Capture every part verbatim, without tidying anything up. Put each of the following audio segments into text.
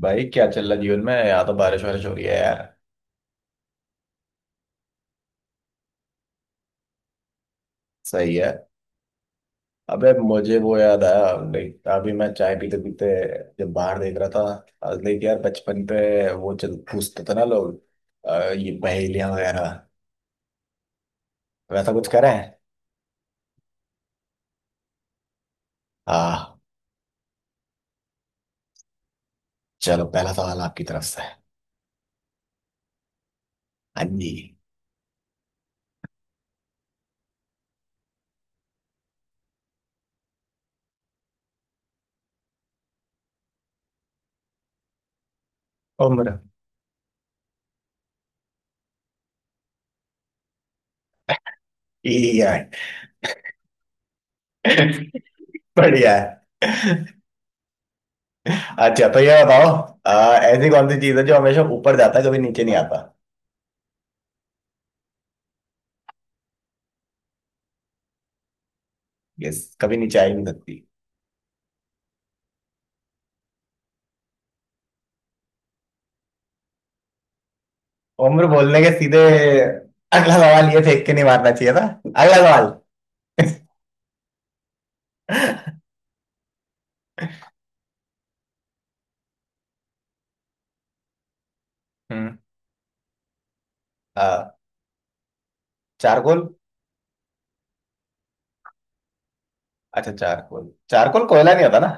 भाई क्या चल रहा जीवन में यहाँ तो बारिश वारिश हो रही है यार। सही है। अबे मुझे वो याद आया। लाइक अभी मैं चाय पीते पीते जब बाहर देख रहा था। लाइक यार बचपन पे वो चल पूछते थे ना लोग अ, ये पहेलियां वगैरह वैसा कुछ करें। हाँ। चलो पहला सवाल आपकी तरफ से। हाँ जी। उम्र। ये है। बढ़िया है। अच्छा तो ये बताओ अ, ऐसी कौन सी चीज है जो हमेशा ऊपर जाता है कभी नीचे नहीं आता। यस कभी नीचे आ ही नहीं सकती। उम्र बोलने के सीधे अगला सवाल ये फेंक के नहीं मारना चाहिए था। अगला सवाल। हम्म। आ, चारकोल। अच्छा चारकोल चारकोल कोयला नहीं होता ना।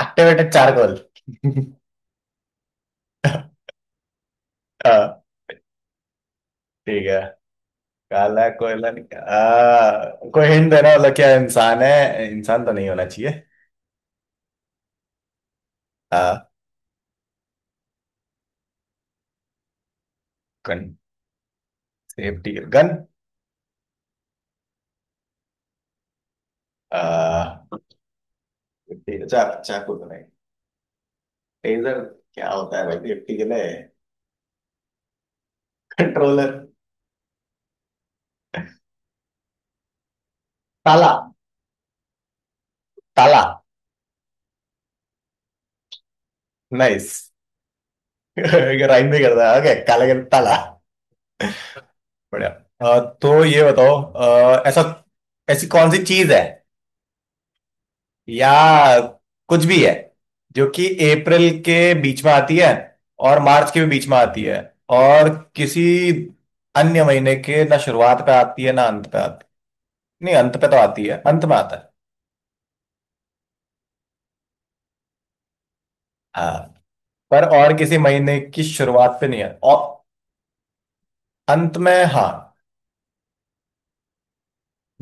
Activated charcoal. आ, ठीक है। काला कोयला नहीं आ, कोई हिंट देना मतलब क्या इंसान है इंसान तो नहीं होना चाहिए। आ, गन। Safety gun. आ, safety- चा, चाकू तो नहीं। टेजर। क्या होता है भाई सेफ्टी के लिए। कंट्रोलर। ताला। ताला। नाइस। राइम भी करता है ओके काला के ताला। बढ़िया। अ, तो ये बताओ अ, ऐसा ऐसी कौन सी चीज है या कुछ भी है जो कि अप्रैल के बीच में आती है और मार्च के भी बीच में आती है और किसी अन्य महीने के ना शुरुआत पे आती है ना अंत पे आती। नहीं अंत पे तो आती है अंत में आता है। हाँ पर और किसी महीने की शुरुआत पे नहीं है और अंत में हाँ।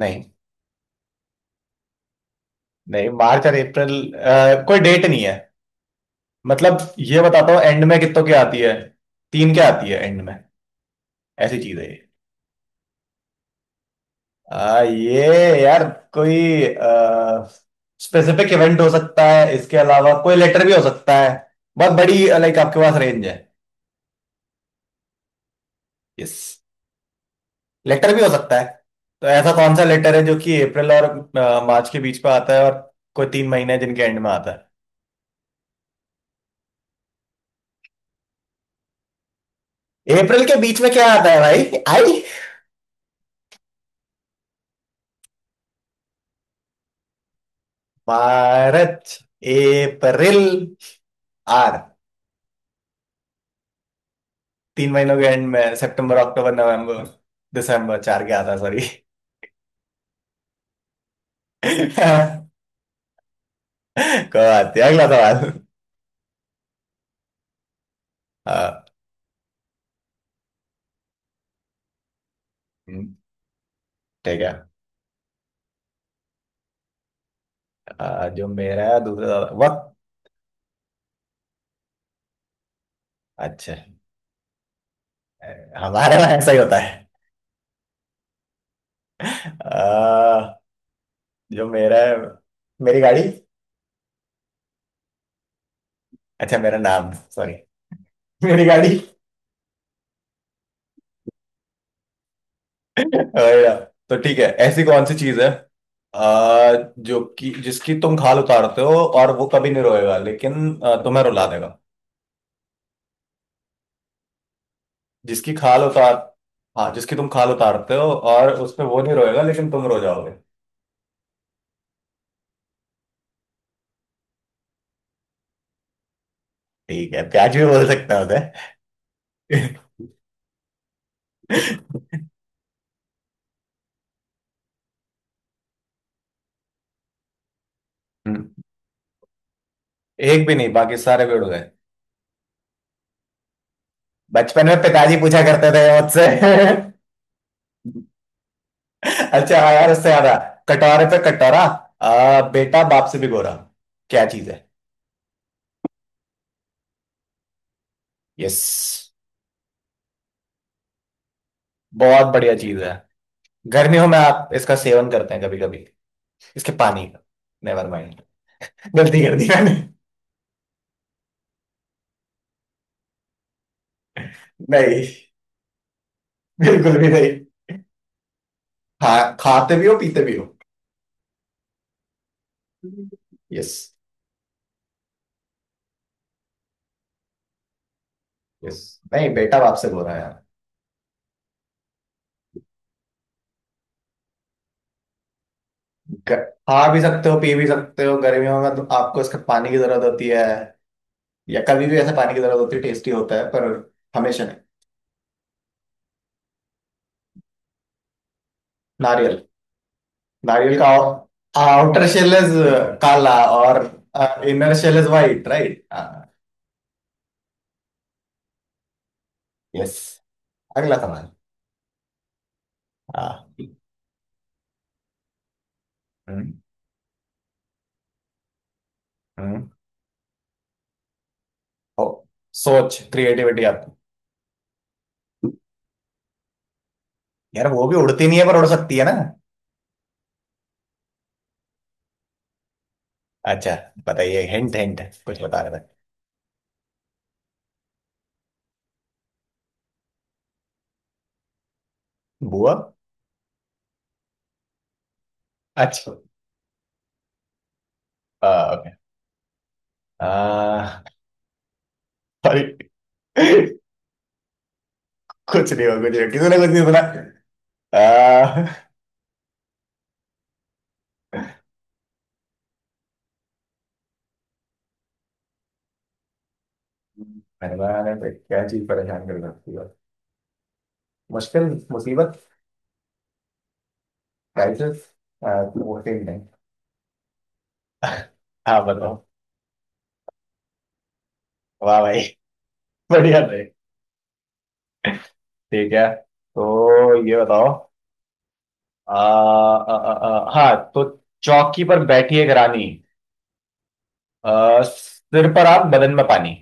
नहीं नहीं मार्च और अप्रैल अ, कोई डेट नहीं है। मतलब ये बताता हूँ एंड में कितनों की आती है। तीन क्या आती है एंड में। ऐसी चीज है ये। आ, ये यार कोई स्पेसिफिक इवेंट हो सकता है इसके अलावा कोई लेटर भी हो सकता है। बहुत बड़ी लाइक आपके पास रेंज है। यस। लेटर भी हो सकता है। तो ऐसा कौन सा लेटर है जो कि अप्रैल और मार्च के बीच में आता है और कोई तीन महीने हैं जिनके एंड में आता है। अप्रैल के बीच में क्या आता है भाई आई। मार्च अप्रैल आर। तीन महीनों के एंड में सितंबर अक्टूबर नवंबर दिसंबर चार के आता सॉरी। कोई बात नहीं, अगला सवाल। अ, हम्म, ठीक है। अ, जो मेरा है दूसरा सवाल- वक्त। अच्छा हमारे में ऐसा ही होता है। अ, जो मेरा है मेरी गाड़ी। अच्छा मेरा नाम सॉरी। मेरी गाड़ी। और, तो ठीक है ऐसी कौन सी चीज है अ, जो कि जिसकी तुम खाल उतारते हो और वो कभी नहीं रोएगा लेकिन अ, तुम्हें रुला देगा। जिसकी खाल उतार हाँ जिसकी तुम खाल उतारते हो और उसमें वो नहीं रोएगा लेकिन तुम रो जाओगे। ठीक है प्याज भी बोल सकता हूँ। हम्म, एक भी नहीं बाकी सारे पेड़ उड़ गए। बचपन में पिताजी पूछा करते थे मुझसे। अच्छा हाँ यार उससे याद आया। कटोरे पे कटोरा आ, बेटा बाप से भी गोरा क्या चीज है। यस बहुत बढ़िया चीज है। गर्मियों में आप इसका सेवन करते हैं कभी कभी इसके पानी का। नेवर माइंड गलती कर दी मैंने। नहीं बिल्कुल भी नहीं। खा खाते भी हो पीते भी हो। यस। यस नहीं बेटा बाप से बोल रहा है यार। ग- खा भी सकते हो पी भी सकते हो गर्मियों में तो आपको इसका पानी की जरूरत होती है या कभी भी ऐसा पानी की जरूरत होती है टेस्टी होता है पर हमेशा नहीं। नारियल। नारियल का आउटर शेल इज काला और inner shell is white right. Yes. अगला सवाल। हाँ। हम्म, हम्म। हो सोच क्रिएटिविटी आपकी। यार वो भी उड़ती नहीं है पर उड़ सकती है ना। अच्छा बताइए हिंट हिंट कुछ बता रहे थे। बुआ। अच्छा आ, okay। आ, sorry। कुछ नहीं हुआ कुछ नहीं हुआ। किसी ने कुछ नहीं सुना। आ, मेहमान है क्या चीज परेशान कर सकती है। मुश्किल मुसीबत क्राइसिस वो सेम नहीं। हाँ बताओ। वाह भाई बढ़िया भाई। ठीक है तो ये बताओ आ, आ, आ, आ, हाँ तो चौकी पर बैठी एक रानी आ, सिर पर आग बदन में पानी।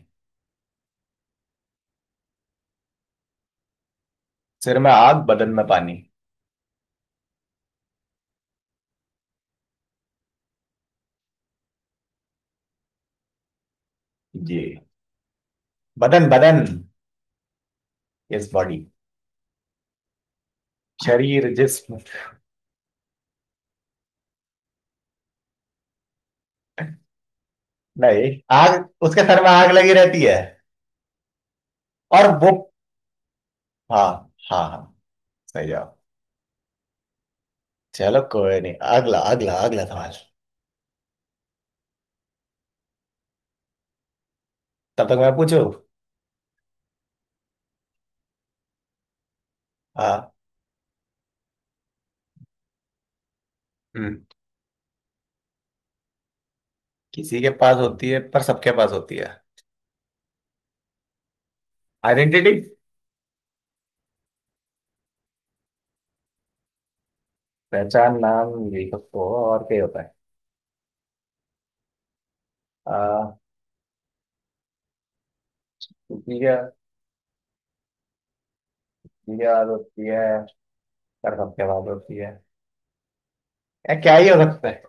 सिर में आग बदन में पानी। जी। बदन बदन इज बॉडी शरीर जिस्म। नहीं आग उसके सर में आग लगी रहती है और वो हाँ हाँ हाँ सही जवाब। चलो कोई नहीं अगला अगला अगला सवाल। तब तक मैं पूछू। हाँ। हम्म। किसी के पास होती है पर सबके पास होती है। आइडेंटिटी पहचान नाम यही सब तो और क्या ही होता है। आ, किसी के किसी के पास होती है पर सबके पास होती है यार क्या ही हो सकता है।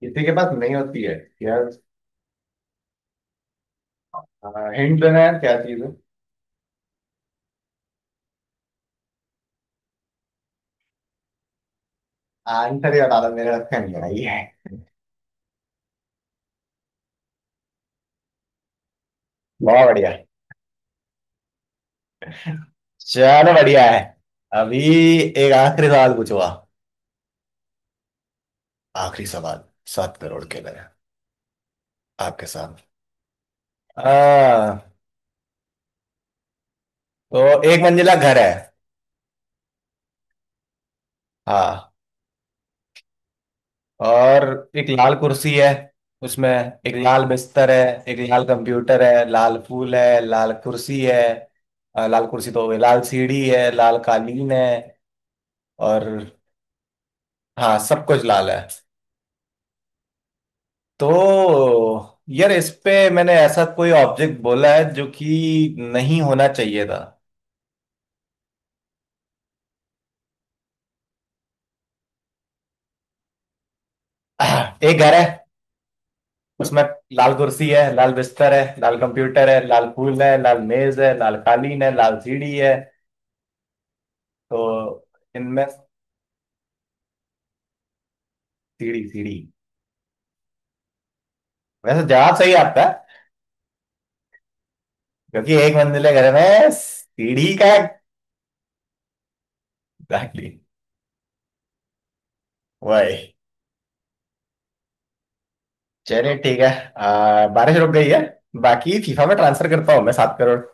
किसी के पास नहीं होती है यार हिंट देना है क्या चीज है। आंसर ही बता दो मेरे हाथ में नहीं आई है। बहुत बढ़िया। चलो बढ़िया है। अभी एक आखिरी सवाल पूछूंगा। आखिरी सवाल। सात करोड़ के लिए। आपके साथ। हाँ। तो एक मंजिला घर है। हाँ। और एक लाल कुर्सी है उसमें एक लाल बिस्तर है एक लाल कंप्यूटर है लाल फूल है लाल कुर्सी है अ, लाल कुर्सी तो हो गई लाल सीढ़ी है लाल कालीन है। और हाँ सब कुछ लाल है। तो यार इस पे मैंने ऐसा कोई ऑब्जेक्ट बोला है जो कि नहीं होना चाहिए था। आह, एक घर है उसमें लाल कुर्सी है लाल बिस्तर है लाल कंप्यूटर है लाल फूल है लाल मेज है लाल कालीन है लाल सीढ़ी है। तो इनमें सीढ़ी सीढ़ी वैसे जवाब सही आता है क्योंकि एक मंजिले घर में सीढ़ी का एग्जैक्टली वही। चलिए ठीक है आ, बारिश रुक गई है। बाकी फीफा में ट्रांसफर करता हूँ मैं सात करोड़।